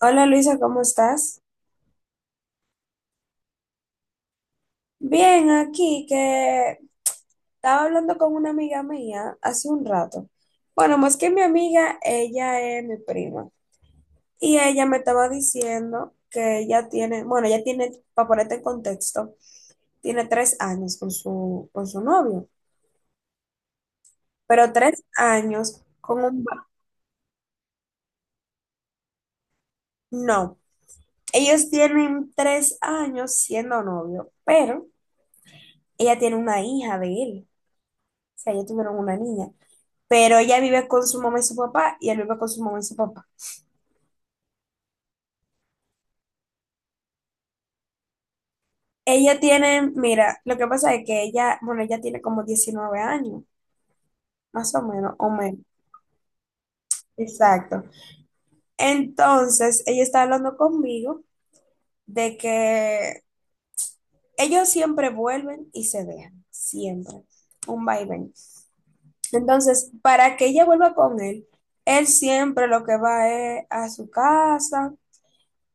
Hola Luisa, ¿cómo estás? Bien, aquí que estaba hablando con una amiga mía hace un rato. Bueno, más que mi amiga, ella es mi prima. Y ella me estaba diciendo que bueno, ella tiene, para ponerte en contexto, tiene 3 años con con su novio, pero 3 años con. No, ellos tienen 3 años siendo novio, pero ella tiene una hija de él. O sea, ellos tuvieron una niña. Pero ella vive con su mamá y su papá y él vive con su mamá y su papá. Ella tiene, mira, lo que pasa es que bueno, ella tiene como 19 años, más o menos, o menos. Exacto. Entonces, ella está hablando conmigo de que ellos siempre vuelven y se dejan, siempre, un va y ven. Entonces, para que ella vuelva con él, él siempre lo que va es a su casa,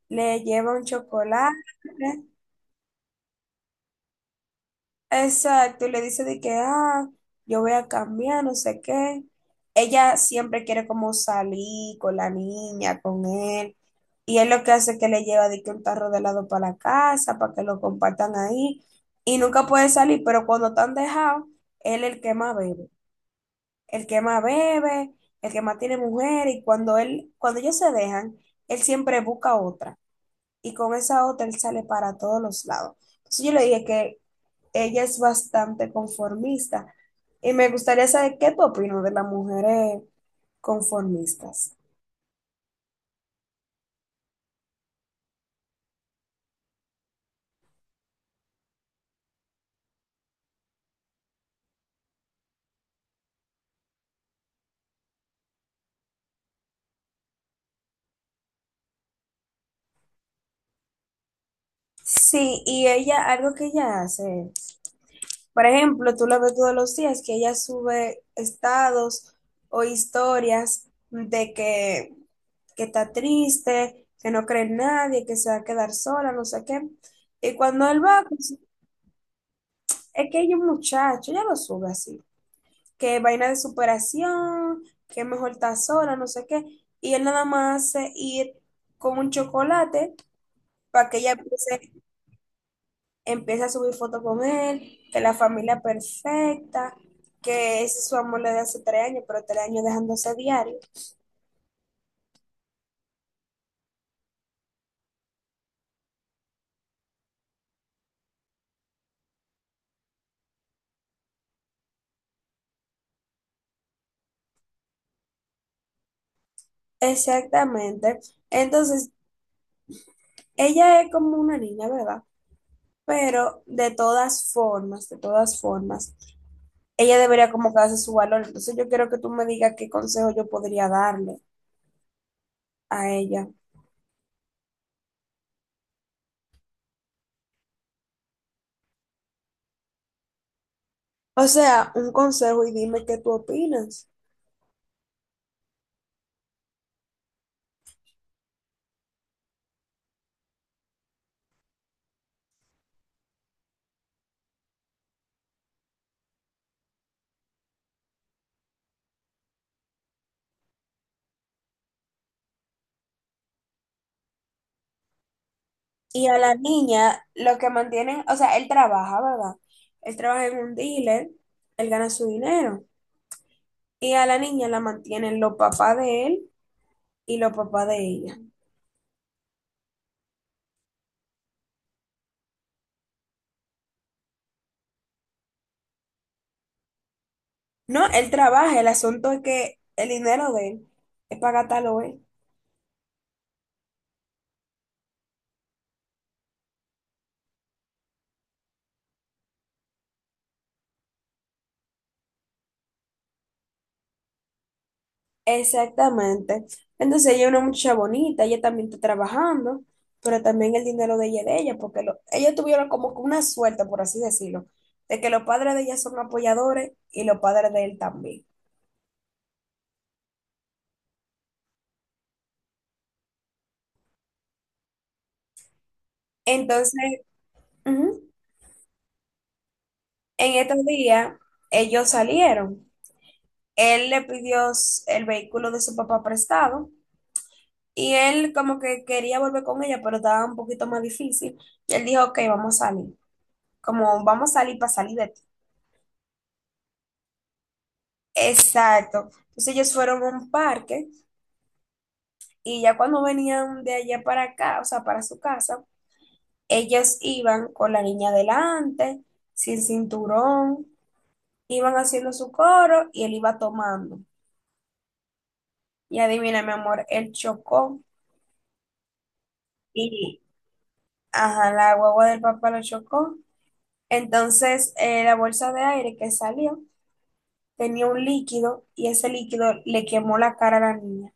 le lleva un chocolate. Exacto, y le dice de que, ah, yo voy a cambiar, no sé qué. Ella siempre quiere como salir con la niña, con él. Y él lo que hace es que le lleva de que un tarro de helado para la casa, para que lo compartan ahí. Y nunca puede salir, pero cuando están dejados, él es el que más bebe. El que más bebe, el que más tiene mujer. Y cuando él, cuando ellos se dejan, él siempre busca otra. Y con esa otra él sale para todos los lados. Entonces yo le dije que ella es bastante conformista. Y me gustaría saber qué tú opinas de las mujeres conformistas. Sí, y ella, algo que ella hace, por ejemplo, tú la ves todos los días, que ella sube estados o historias de que está triste, que no cree en nadie, que se va a quedar sola, no sé qué. Y cuando él va, pues, es que ella es un muchacho, ella lo sube así. Que vaina de superación, que mejor estar sola, no sé qué. Y él nada más hace ir con un chocolate para que ella empiece, empiece a subir fotos con él, que la familia perfecta, que ese es su amor le de hace 3 años, pero tres años dejándose diario. Exactamente. Entonces, ella es como una niña, ¿verdad? Pero de todas formas, ella debería como que darse su valor. Entonces yo quiero que tú me digas qué consejo yo podría darle a ella. O sea, un consejo y dime qué tú opinas. Y a la niña, lo que mantienen, o sea, él trabaja, ¿verdad? Él trabaja en un dealer, él gana su dinero. Y a la niña la mantienen los papás de él y los papás de ella. No, él trabaja, el asunto es que el dinero de él es para gastarlo él. Exactamente. Entonces ella es una muchacha bonita, ella también está trabajando, pero también el dinero de ella es de ella, porque lo- ellos tuvieron como que una suerte, por así decirlo, de que los padres de ella son apoyadores y los padres de él también. Entonces, ujú, en estos días ellos salieron. Él le pidió el vehículo de su papá prestado y él como que quería volver con ella, pero estaba un poquito más difícil. Y él dijo, ok, vamos a salir. Como vamos a salir para salir de... Exacto. Entonces ellos fueron a un parque y ya cuando venían de allá para acá, o sea, para su casa, ellos iban con la niña delante, sin cinturón, iban haciendo su coro y él iba tomando. Y adivina, mi amor, él chocó y, ajá, la guagua del papá lo chocó. Entonces, la bolsa de aire que salió tenía un líquido y ese líquido le quemó la cara a la niña.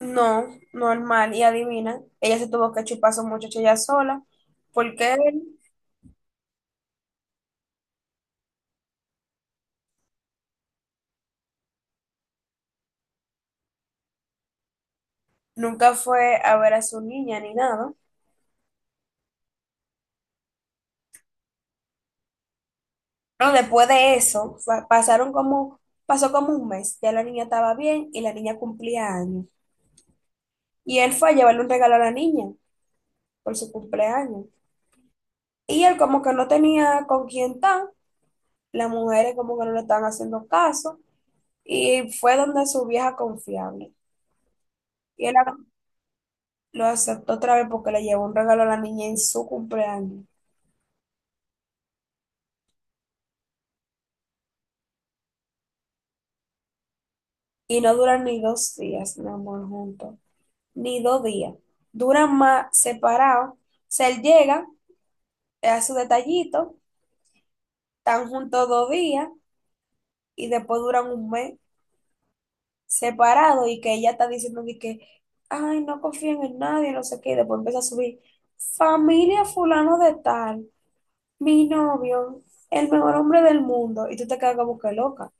No, normal. Y adivina, ella se tuvo que chupar a su muchacho ella sola, porque él nunca fue a ver a su niña ni nada. Pero después de eso, pasó como un mes. Ya la niña estaba bien y la niña cumplía años. Y él fue a llevarle un regalo a la niña por su cumpleaños. Y él como que no tenía con quién estar, las mujeres como que no le estaban haciendo caso, y fue donde su vieja confiable. Y él lo aceptó otra vez porque le llevó un regalo a la niña en su cumpleaños. Y no duran ni 2 días, mi amor, juntos, ni 2 días. Duran más separados. O sea, él llega, le hace su detallito, están juntos 2 días y después duran un mes separados y que ella está diciendo de que, ay, no confíen en nadie, no sé qué, y después empieza a subir, familia fulano de tal, mi novio, el mejor hombre del mundo, y tú te quedas como que loca.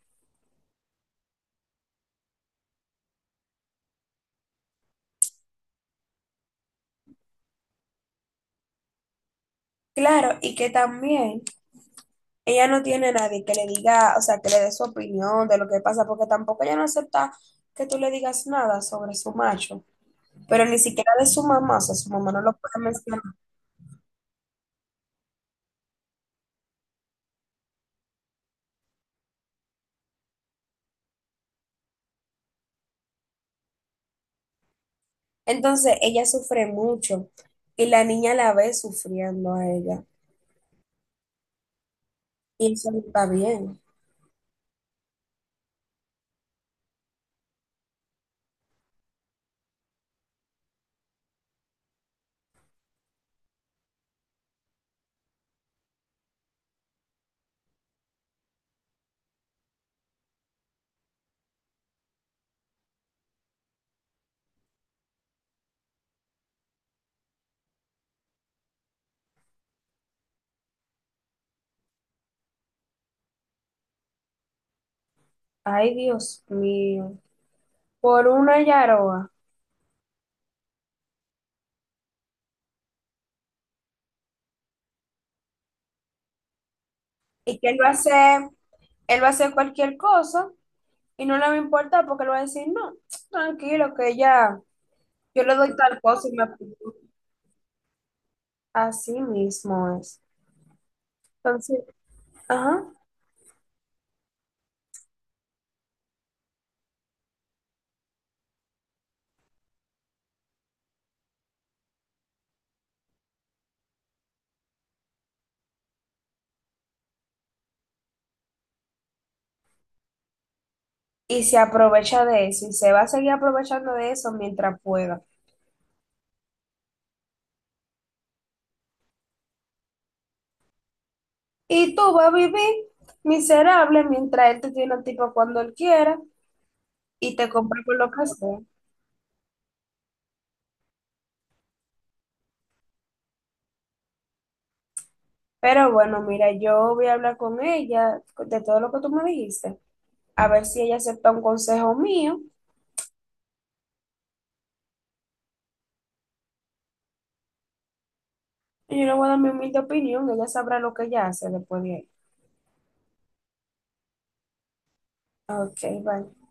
Claro, y que también ella no tiene a nadie que le diga, o sea, que le dé su opinión de lo que pasa, porque tampoco ella no acepta que tú le digas nada sobre su macho, pero ni siquiera de su mamá, o sea, su mamá no lo puede mencionar. Entonces, ella sufre mucho y la niña la ve sufriendo a ella. Y eso no está bien. Ay, Dios mío. Por una yaroa. Y que él va a hacer, él va a hacer cualquier cosa y no le va a importar porque él va a decir, no, tranquilo, que ella, yo le doy tal cosa y me... Así mismo es. Entonces, ajá, y se aprovecha de eso y se va a seguir aprovechando de eso mientras pueda. Y tú vas a vivir miserable mientras él te tiene un tipo cuando él quiera y te compra con lo que sea. Pero bueno, mira, yo voy a hablar con ella de todo lo que tú me dijiste, a ver si ella acepta un consejo mío. Y yo le voy a dar mi humilde opinión, ella sabrá lo que ella hace después de ahí. Ok, bye.